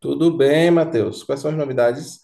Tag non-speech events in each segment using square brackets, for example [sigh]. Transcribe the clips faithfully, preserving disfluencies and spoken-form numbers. Tudo bem, Matheus. Quais são as novidades?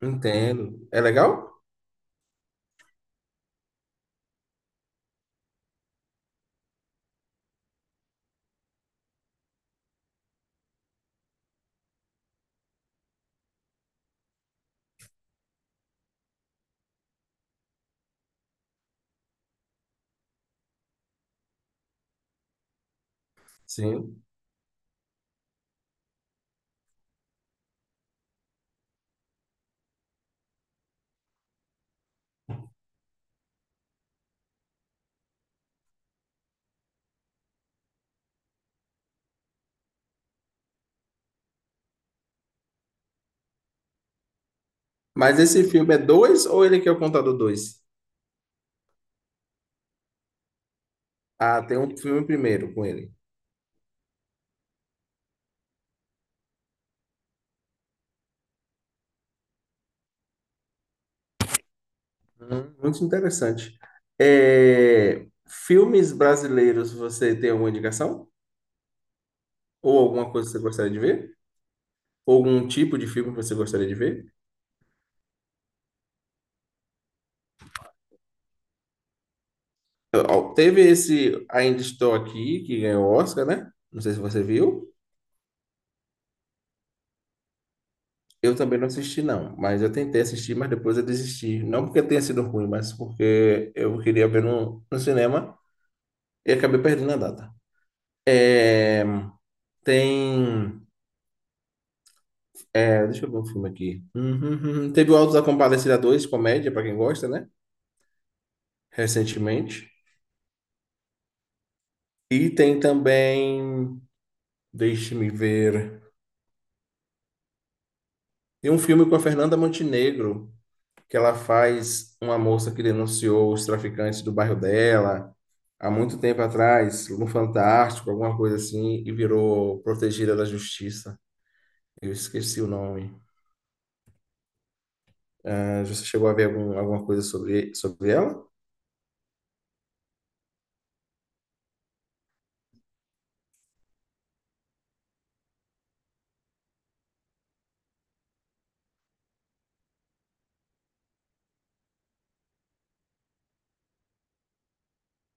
Entendo. É legal? Sim. Mas esse filme é dois ou ele que é o contador dois? Ah, tem um filme primeiro com ele. Hum, muito interessante. É, filmes brasileiros, você tem alguma indicação? Ou alguma coisa que você gostaria de ver? Ou algum tipo de filme que você gostaria de ver? Ó, teve esse Ainda Estou Aqui, que ganhou o Oscar, né? Não sei se você viu. Eu também não assisti, não, mas eu tentei assistir, mas depois eu desisti. Não porque tenha sido ruim, mas porque eu queria ver no, no, cinema e acabei perdendo a data. É, tem. É, deixa eu ver um filme aqui. Uhum, uhum. Teve o Auto da Compadecida dois, comédia, pra quem gosta, né? Recentemente. E tem também. Deixe-me ver. Tem um filme com a Fernanda Montenegro, que ela faz uma moça que denunciou os traficantes do bairro dela há muito tempo atrás, no Fantástico, alguma coisa assim, e virou protegida da justiça. Eu esqueci o nome. Ah, você chegou a ver algum- alguma coisa sobre, sobre ela?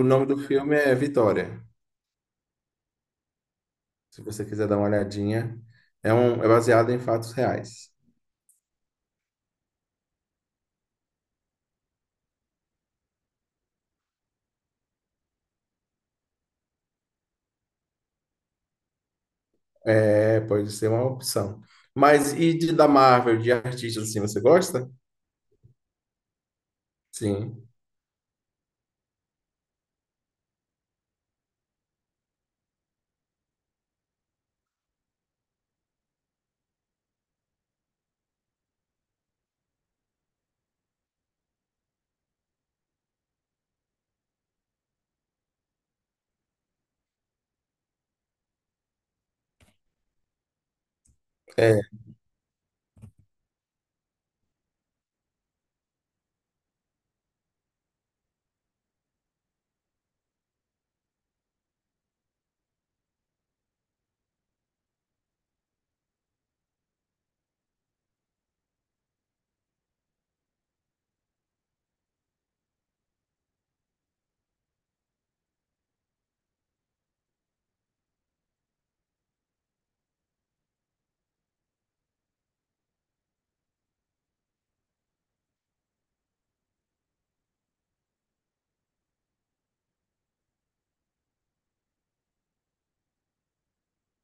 O nome do filme é Vitória. Se você quiser dar uma olhadinha, é, um, é baseado em fatos reais. É, pode ser uma opção. Mas e de, da Marvel, de artistas assim, você gosta? Sim. É.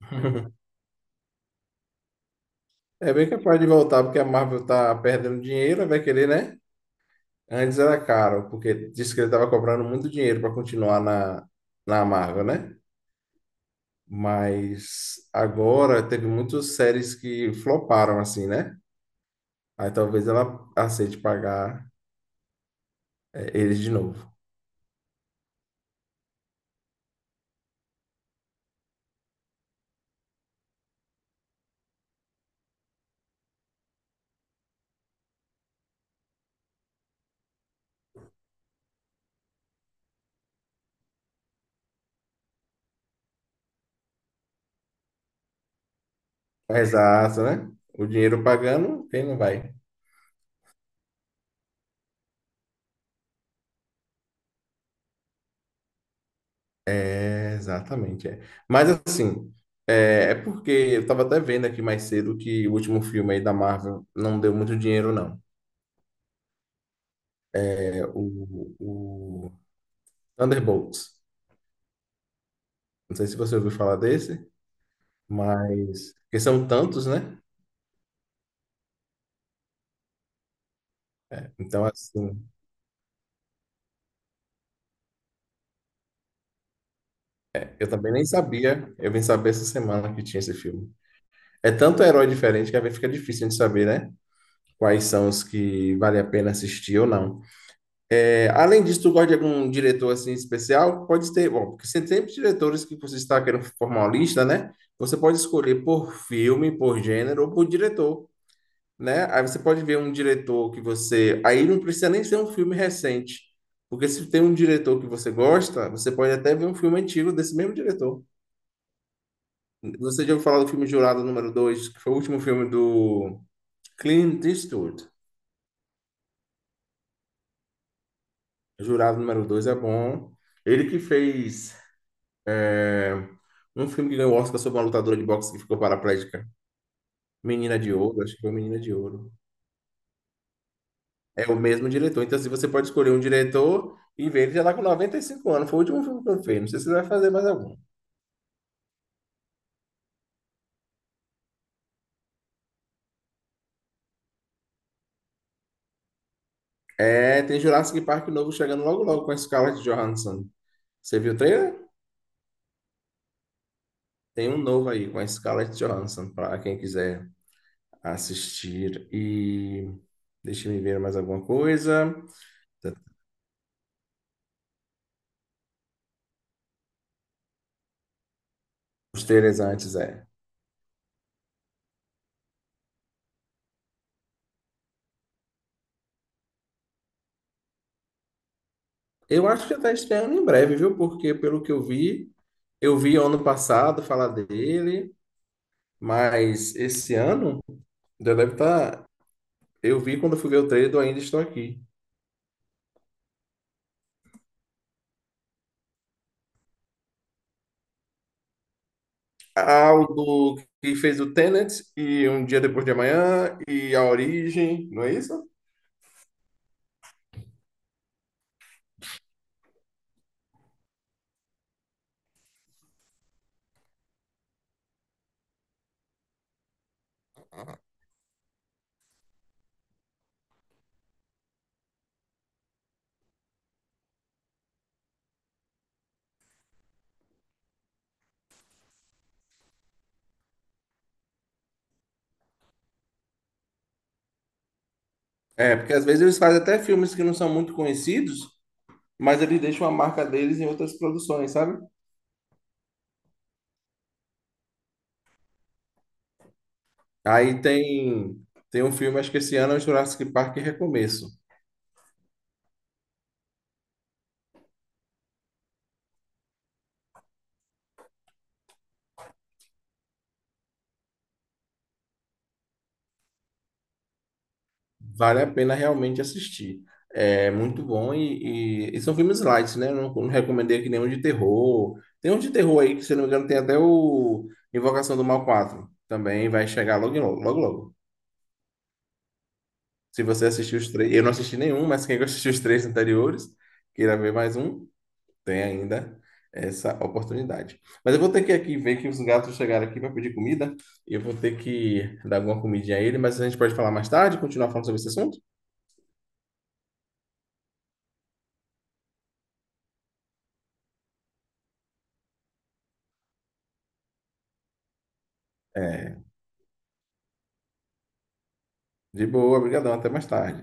[laughs] É bem capaz de voltar, porque a Marvel tá perdendo dinheiro, vai querer, né? Antes era caro, porque disse que ele estava cobrando muito dinheiro para continuar na, na Marvel, né? Mas agora teve muitas séries que floparam, assim, né? Aí talvez ela aceite pagar é, eles de novo. Exato, né? O dinheiro pagando, quem não vai? É, exatamente, é. Mas assim, é, é porque eu estava até vendo aqui mais cedo que o último filme aí da Marvel não deu muito dinheiro, não. É o, o Thunderbolts. Não sei se você ouviu falar desse, mas porque são tantos, né? Então, assim, eu também nem sabia. Eu vim saber essa semana que tinha esse filme. É tanto herói diferente que às vezes fica difícil de saber, né? Quais são os que vale a pena assistir ou não. É, além disso, tu gosta de algum diretor assim especial? Pode ter, bom, porque tem sempre diretores que você está querendo formar uma lista, né? Você pode escolher por filme, por gênero ou por diretor. Né? Aí você pode ver um diretor que você. Aí não precisa nem ser um filme recente. Porque se tem um diretor que você gosta, você pode até ver um filme antigo desse mesmo diretor. Você já ouviu falar do filme Jurado número Dois, que foi o último filme do Clint Eastwood. Jurado número Dois é bom. Ele que fez é, um filme que ganhou o Oscar sobre uma lutadora de boxe que ficou paraplégica. Menina de Ouro, acho que foi Menina de Ouro. É o mesmo diretor. Então, se você pode escolher um diretor e ver, ele já tá com noventa e cinco anos. Foi o último filme que eu fiz. Não sei se ele vai fazer mais algum. É, tem Jurassic Park novo chegando logo logo com a Scarlett Johansson. Você viu o trailer? Tem um novo aí com a Scarlett Johansson para quem quiser assistir. E deixa eu ver mais alguma coisa. Os trailers antes é. Eu acho que já tá estreando em breve, viu? Porque pelo que eu vi, eu vi ano passado falar dele, mas esse ano já deve estar. Eu vi quando eu fui ver o trailer do Ainda Estou Aqui. Ao do que fez o Tenet e Um Dia Depois de Amanhã e A Origem, não é isso? É, porque às vezes eles fazem até filmes que não são muito conhecidos, mas eles deixam a marca deles em outras produções, sabe? Aí tem tem um filme, acho que esse ano é o Jurassic Park Recomeço. Vale a pena realmente assistir. É muito bom e, e- e são filmes light, né? Eu não, não recomendei aqui nenhum de terror. Tem um de terror aí que, se não me engano, tem até o Invocação do Mal quatro. Também vai chegar logo, em logo, logo, logo. Se você assistiu os três, eu não assisti nenhum, mas quem assistiu os três anteriores, queira ver mais um, tem ainda essa oportunidade. Mas eu vou ter que aqui ver que os gatos chegaram aqui para pedir comida. E eu vou ter que dar alguma comidinha a ele, mas a gente pode falar mais tarde, continuar falando sobre esse assunto? É, de boa, obrigadão, até mais tarde.